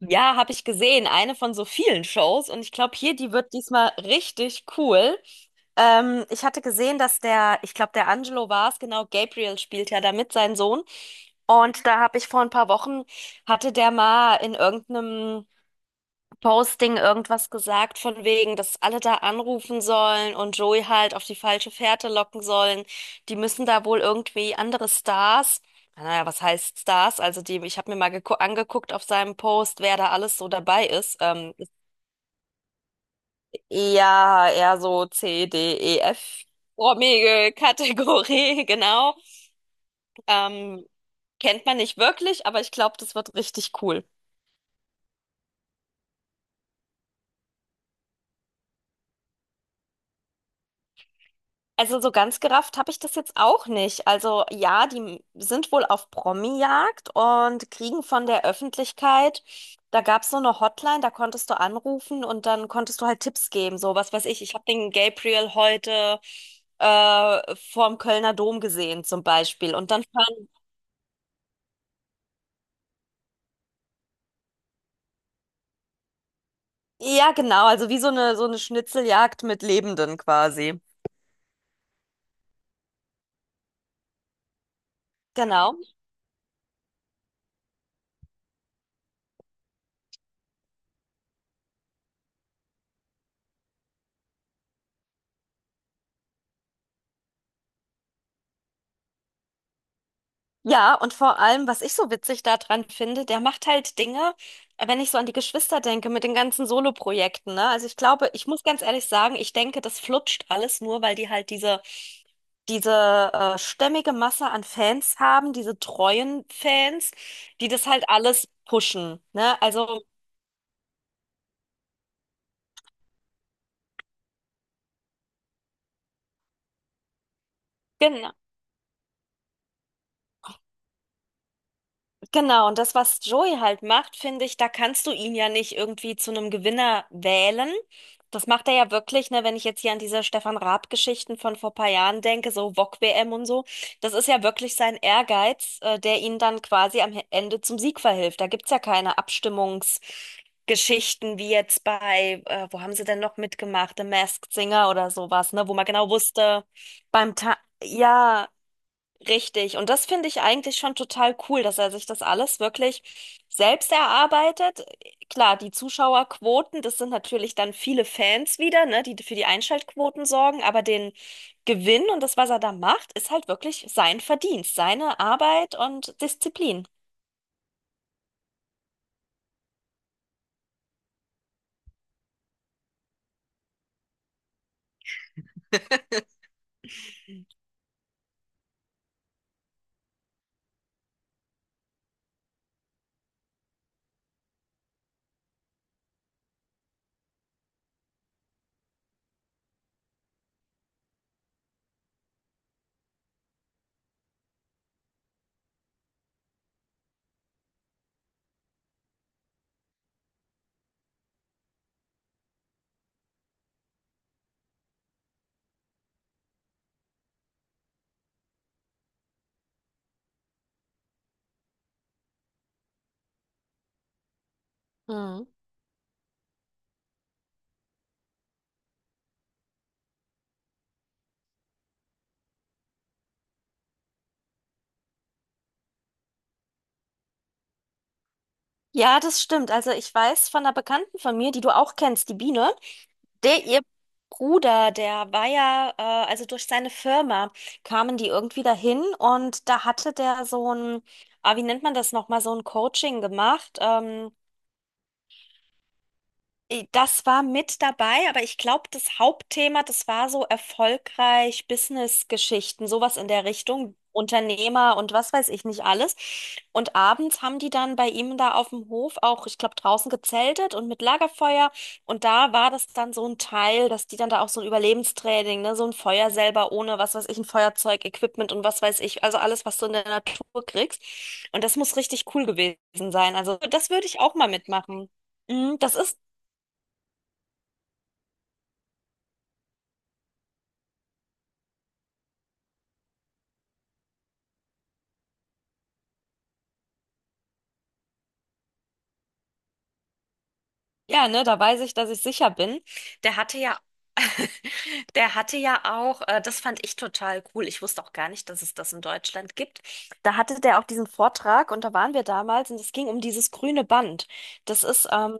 Ja, habe ich gesehen. Eine von so vielen Shows. Und ich glaube, hier, die wird diesmal richtig cool. Ich hatte gesehen, dass der, ich glaube, der Angelo war es, genau, Gabriel spielt ja damit, sein Sohn. Und da habe ich vor ein paar Wochen, hatte der mal in irgendeinem Posting irgendwas gesagt von wegen, dass alle da anrufen sollen und Joey halt auf die falsche Fährte locken sollen. Die müssen da wohl irgendwie andere Stars, naja, was heißt Stars? Also die, ich habe mir mal angeguckt auf seinem Post, wer da alles so dabei ist. Ist eher, so C, D, E, F. Promige Kategorie, genau. Ähm, Kennt man nicht wirklich, aber ich glaube, das wird richtig cool. Also so ganz gerafft habe ich das jetzt auch nicht. Also ja, die sind wohl auf Promi-Jagd und kriegen von der Öffentlichkeit, da gab es so eine Hotline, da konntest du anrufen und dann konntest du halt Tipps geben. So was weiß ich, ich habe den Gabriel heute vorm Kölner Dom gesehen zum Beispiel. Und dann fahren, ja genau, also wie so eine Schnitzeljagd mit Lebenden quasi. Genau. Ja, und vor allem, was ich so witzig daran finde, der macht halt Dinge, wenn ich so an die Geschwister denke, mit den ganzen Soloprojekten, ne? Also ich glaube, ich muss ganz ehrlich sagen, ich denke, das flutscht alles nur, weil die halt diese, diese stämmige Masse an Fans haben, diese treuen Fans, die das halt alles pushen, ne? Also, genau. Genau, und das, was Joey halt macht, finde ich, da kannst du ihn ja nicht irgendwie zu einem Gewinner wählen. Das macht er ja wirklich, ne, wenn ich jetzt hier an diese Stefan Raab-Geschichten von vor paar Jahren denke, so Wok-WM und so. Das ist ja wirklich sein Ehrgeiz, der ihn dann quasi am Ende zum Sieg verhilft. Da gibt's ja keine Abstimmungsgeschichten wie jetzt bei, wo haben sie denn noch mitgemacht, The Masked Singer oder sowas, ne, wo man genau wusste, beim Ta ja. Richtig. Und das finde ich eigentlich schon total cool, dass er sich das alles wirklich selbst erarbeitet. Klar, die Zuschauerquoten, das sind natürlich dann viele Fans wieder, ne, die für die Einschaltquoten sorgen, aber den Gewinn und das, was er da macht, ist halt wirklich sein Verdienst, seine Arbeit und Disziplin. Hm. Ja, das stimmt. Also ich weiß von einer Bekannten von mir, die du auch kennst, die Biene. Der, ihr Bruder, der war ja, also durch seine Firma kamen die irgendwie dahin und da hatte der so ein, ah, wie nennt man das nochmal, so ein Coaching gemacht. Das war mit dabei, aber ich glaube, das Hauptthema, das war so erfolgreich Business-Geschichten, sowas in der Richtung, Unternehmer und was weiß ich nicht alles. Und abends haben die dann bei ihm da auf dem Hof auch, ich glaube, draußen gezeltet und mit Lagerfeuer. Und da war das dann so ein Teil, dass die dann da auch so ein Überlebenstraining, ne, so ein Feuer selber ohne was weiß ich, ein Feuerzeug, Equipment und was weiß ich, also alles, was du in der Natur kriegst. Und das muss richtig cool gewesen sein. Also das würde ich auch mal mitmachen. Das ist. Ja, ne, da weiß ich, dass ich sicher bin. Der hatte ja, der hatte ja auch, das fand ich total cool. Ich wusste auch gar nicht, dass es das in Deutschland gibt. Da hatte der auch diesen Vortrag und da waren wir damals und es ging um dieses grüne Band. Das ist, ähm,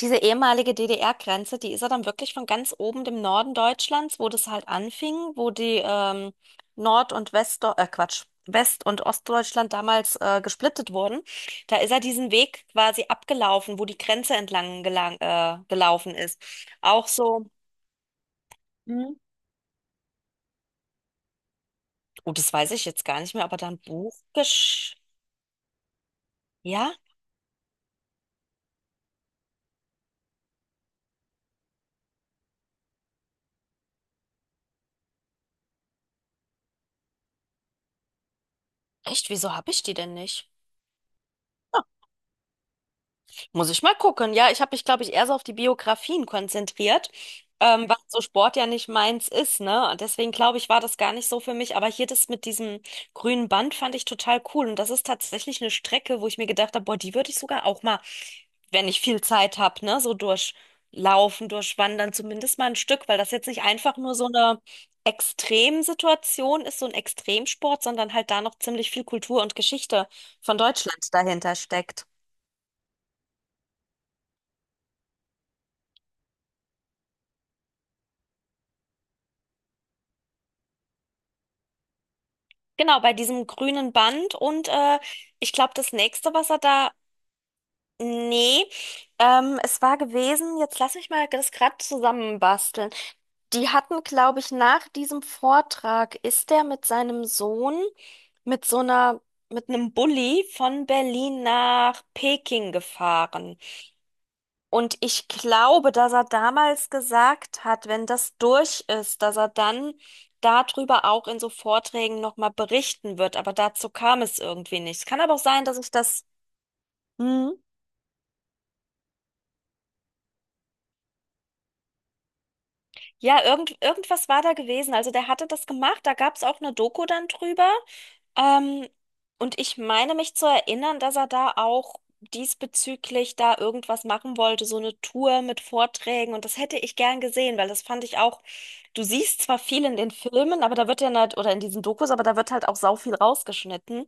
Diese ehemalige DDR-Grenze, die ist ja dann wirklich von ganz oben dem Norden Deutschlands, wo das halt anfing, wo die Nord- und Quatsch, West- und Ostdeutschland damals gesplittet wurden. Da ist er diesen Weg quasi abgelaufen, wo die Grenze entlang gelaufen ist. Auch so, hm, oh, das weiß ich jetzt gar nicht mehr, aber dann Buch gesch... Ja? Echt, wieso habe ich die denn nicht? Muss ich mal gucken. Ja, ich habe mich, glaube ich, eher so auf die Biografien konzentriert, weil so Sport ja nicht meins ist, ne? Und deswegen glaube ich, war das gar nicht so für mich. Aber hier das mit diesem grünen Band fand ich total cool. Und das ist tatsächlich eine Strecke, wo ich mir gedacht habe, boah, die würde ich sogar auch mal, wenn ich viel Zeit habe, ne, so durchlaufen, durchwandern, zumindest mal ein Stück, weil das jetzt nicht einfach nur so eine Extremsituation ist, so ein Extremsport, sondern halt da noch ziemlich viel Kultur und Geschichte von Deutschland dahinter steckt. Genau, bei diesem grünen Band und ich glaube, das nächste, was er da. Nee, es war gewesen, jetzt lass mich mal das gerade zusammenbasteln. Die hatten, glaube ich, nach diesem Vortrag ist der mit seinem Sohn mit so einer, mit einem Bulli von Berlin nach Peking gefahren. Und ich glaube, dass er damals gesagt hat, wenn das durch ist, dass er dann darüber auch in so Vorträgen nochmal berichten wird. Aber dazu kam es irgendwie nicht. Es kann aber auch sein, dass ich das. Hm. Ja, irgendwas war da gewesen. Also der hatte das gemacht, da gab es auch eine Doku dann drüber. Ähm, und ich meine mich zu erinnern, dass er da auch diesbezüglich da irgendwas machen wollte, so eine Tour mit Vorträgen. Und das hätte ich gern gesehen, weil das fand ich auch, du siehst zwar viel in den Filmen, aber da wird ja halt, oder in diesen Dokus, aber da wird halt auch sau viel rausgeschnitten.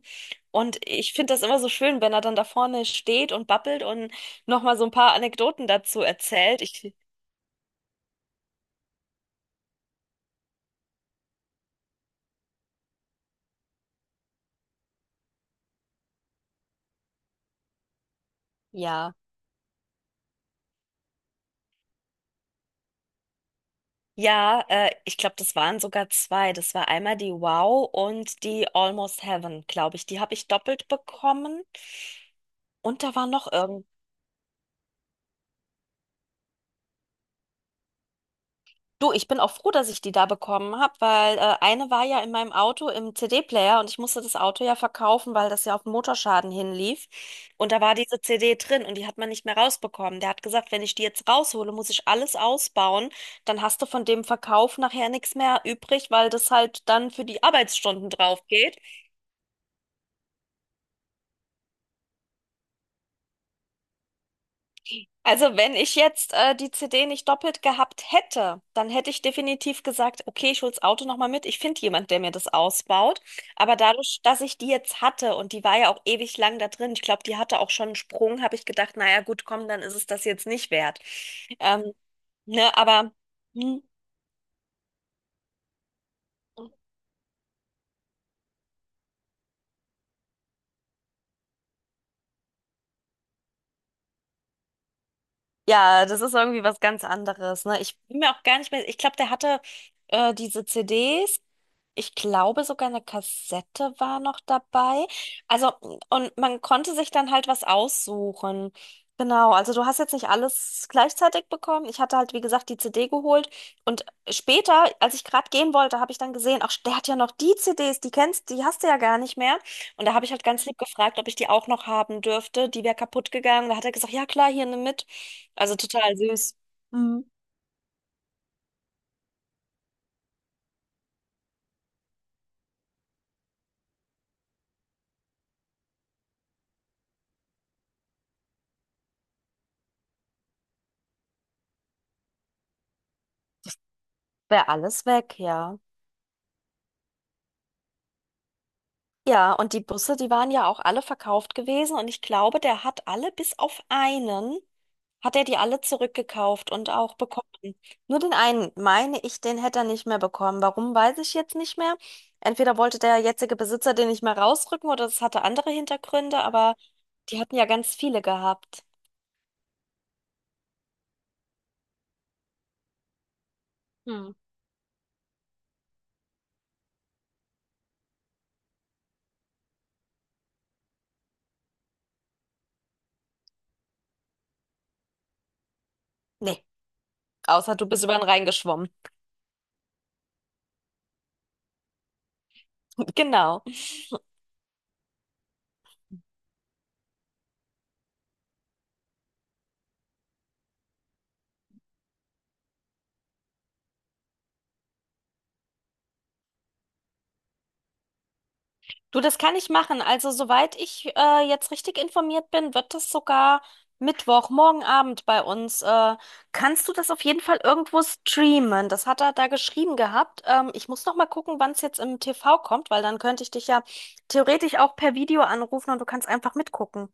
Und ich finde das immer so schön, wenn er dann da vorne steht und babbelt und nochmal so ein paar Anekdoten dazu erzählt. Ich, ja. Ja, ich glaube, das waren sogar zwei. Das war einmal die Wow und die Almost Heaven, glaube ich. Die habe ich doppelt bekommen. Und da war noch irgend. Du, ich bin auch froh, dass ich die da bekommen habe, weil eine war ja in meinem Auto im CD-Player und ich musste das Auto ja verkaufen, weil das ja auf den Motorschaden hinlief. Und da war diese CD drin und die hat man nicht mehr rausbekommen. Der hat gesagt, wenn ich die jetzt raushole, muss ich alles ausbauen. Dann hast du von dem Verkauf nachher nichts mehr übrig, weil das halt dann für die Arbeitsstunden drauf geht. Also wenn ich jetzt die CD nicht doppelt gehabt hätte, dann hätte ich definitiv gesagt, okay, ich hol's Auto nochmal mit. Ich finde jemand, der mir das ausbaut. Aber dadurch, dass ich die jetzt hatte und die war ja auch ewig lang da drin, ich glaube, die hatte auch schon einen Sprung, habe ich gedacht, naja, gut, komm, dann ist es das jetzt nicht wert. Ähm, ne, aber hm, ja, das ist irgendwie was ganz anderes. Ne? Ich bin mir auch gar nicht mehr, ich glaube, der hatte diese CDs. Ich glaube, sogar eine Kassette war noch dabei. Also, und man konnte sich dann halt was aussuchen. Genau, also du hast jetzt nicht alles gleichzeitig bekommen. Ich hatte halt, wie gesagt, die CD geholt. Und später, als ich gerade gehen wollte, habe ich dann gesehen, ach, der hat ja noch die CDs, die kennst, die hast du ja gar nicht mehr. Und da habe ich halt ganz lieb gefragt, ob ich die auch noch haben dürfte. Die wäre kaputt gegangen. Da hat er gesagt, ja klar, hier nimm mit. Also total süß. Mhm. Wäre alles weg, ja. Ja, und die Busse, die waren ja auch alle verkauft gewesen und ich glaube, der hat alle, bis auf einen, hat er die alle zurückgekauft und auch bekommen. Nur den einen, meine ich, den hätte er nicht mehr bekommen. Warum, weiß ich jetzt nicht mehr. Entweder wollte der jetzige Besitzer den nicht mehr rausrücken oder es hatte andere Hintergründe, aber die hatten ja ganz viele gehabt. Hm. Nee, außer du bist über den Rhein geschwommen. Genau. Du, das kann ich machen. Also, soweit ich jetzt richtig informiert bin, wird das sogar Mittwoch, morgen Abend bei uns. Kannst du das auf jeden Fall irgendwo streamen? Das hat er da geschrieben gehabt. Ich muss noch mal gucken, wann es jetzt im TV kommt, weil dann könnte ich dich ja theoretisch auch per Video anrufen und du kannst einfach mitgucken.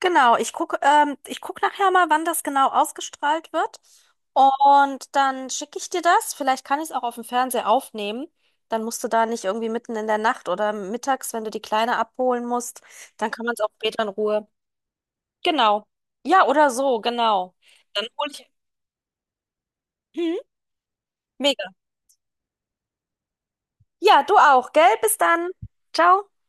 Genau, ich gucke ich guck nachher mal, wann das genau ausgestrahlt wird. Und dann schicke ich dir das. Vielleicht kann ich es auch auf dem Fernseher aufnehmen. Dann musst du da nicht irgendwie mitten in der Nacht oder mittags, wenn du die Kleine abholen musst, dann kann man es auch später in Ruhe. Genau. Ja, oder so, genau. Dann hol ich. Mhm. Mega. Ja, du auch, gell? Bis dann. Ciao.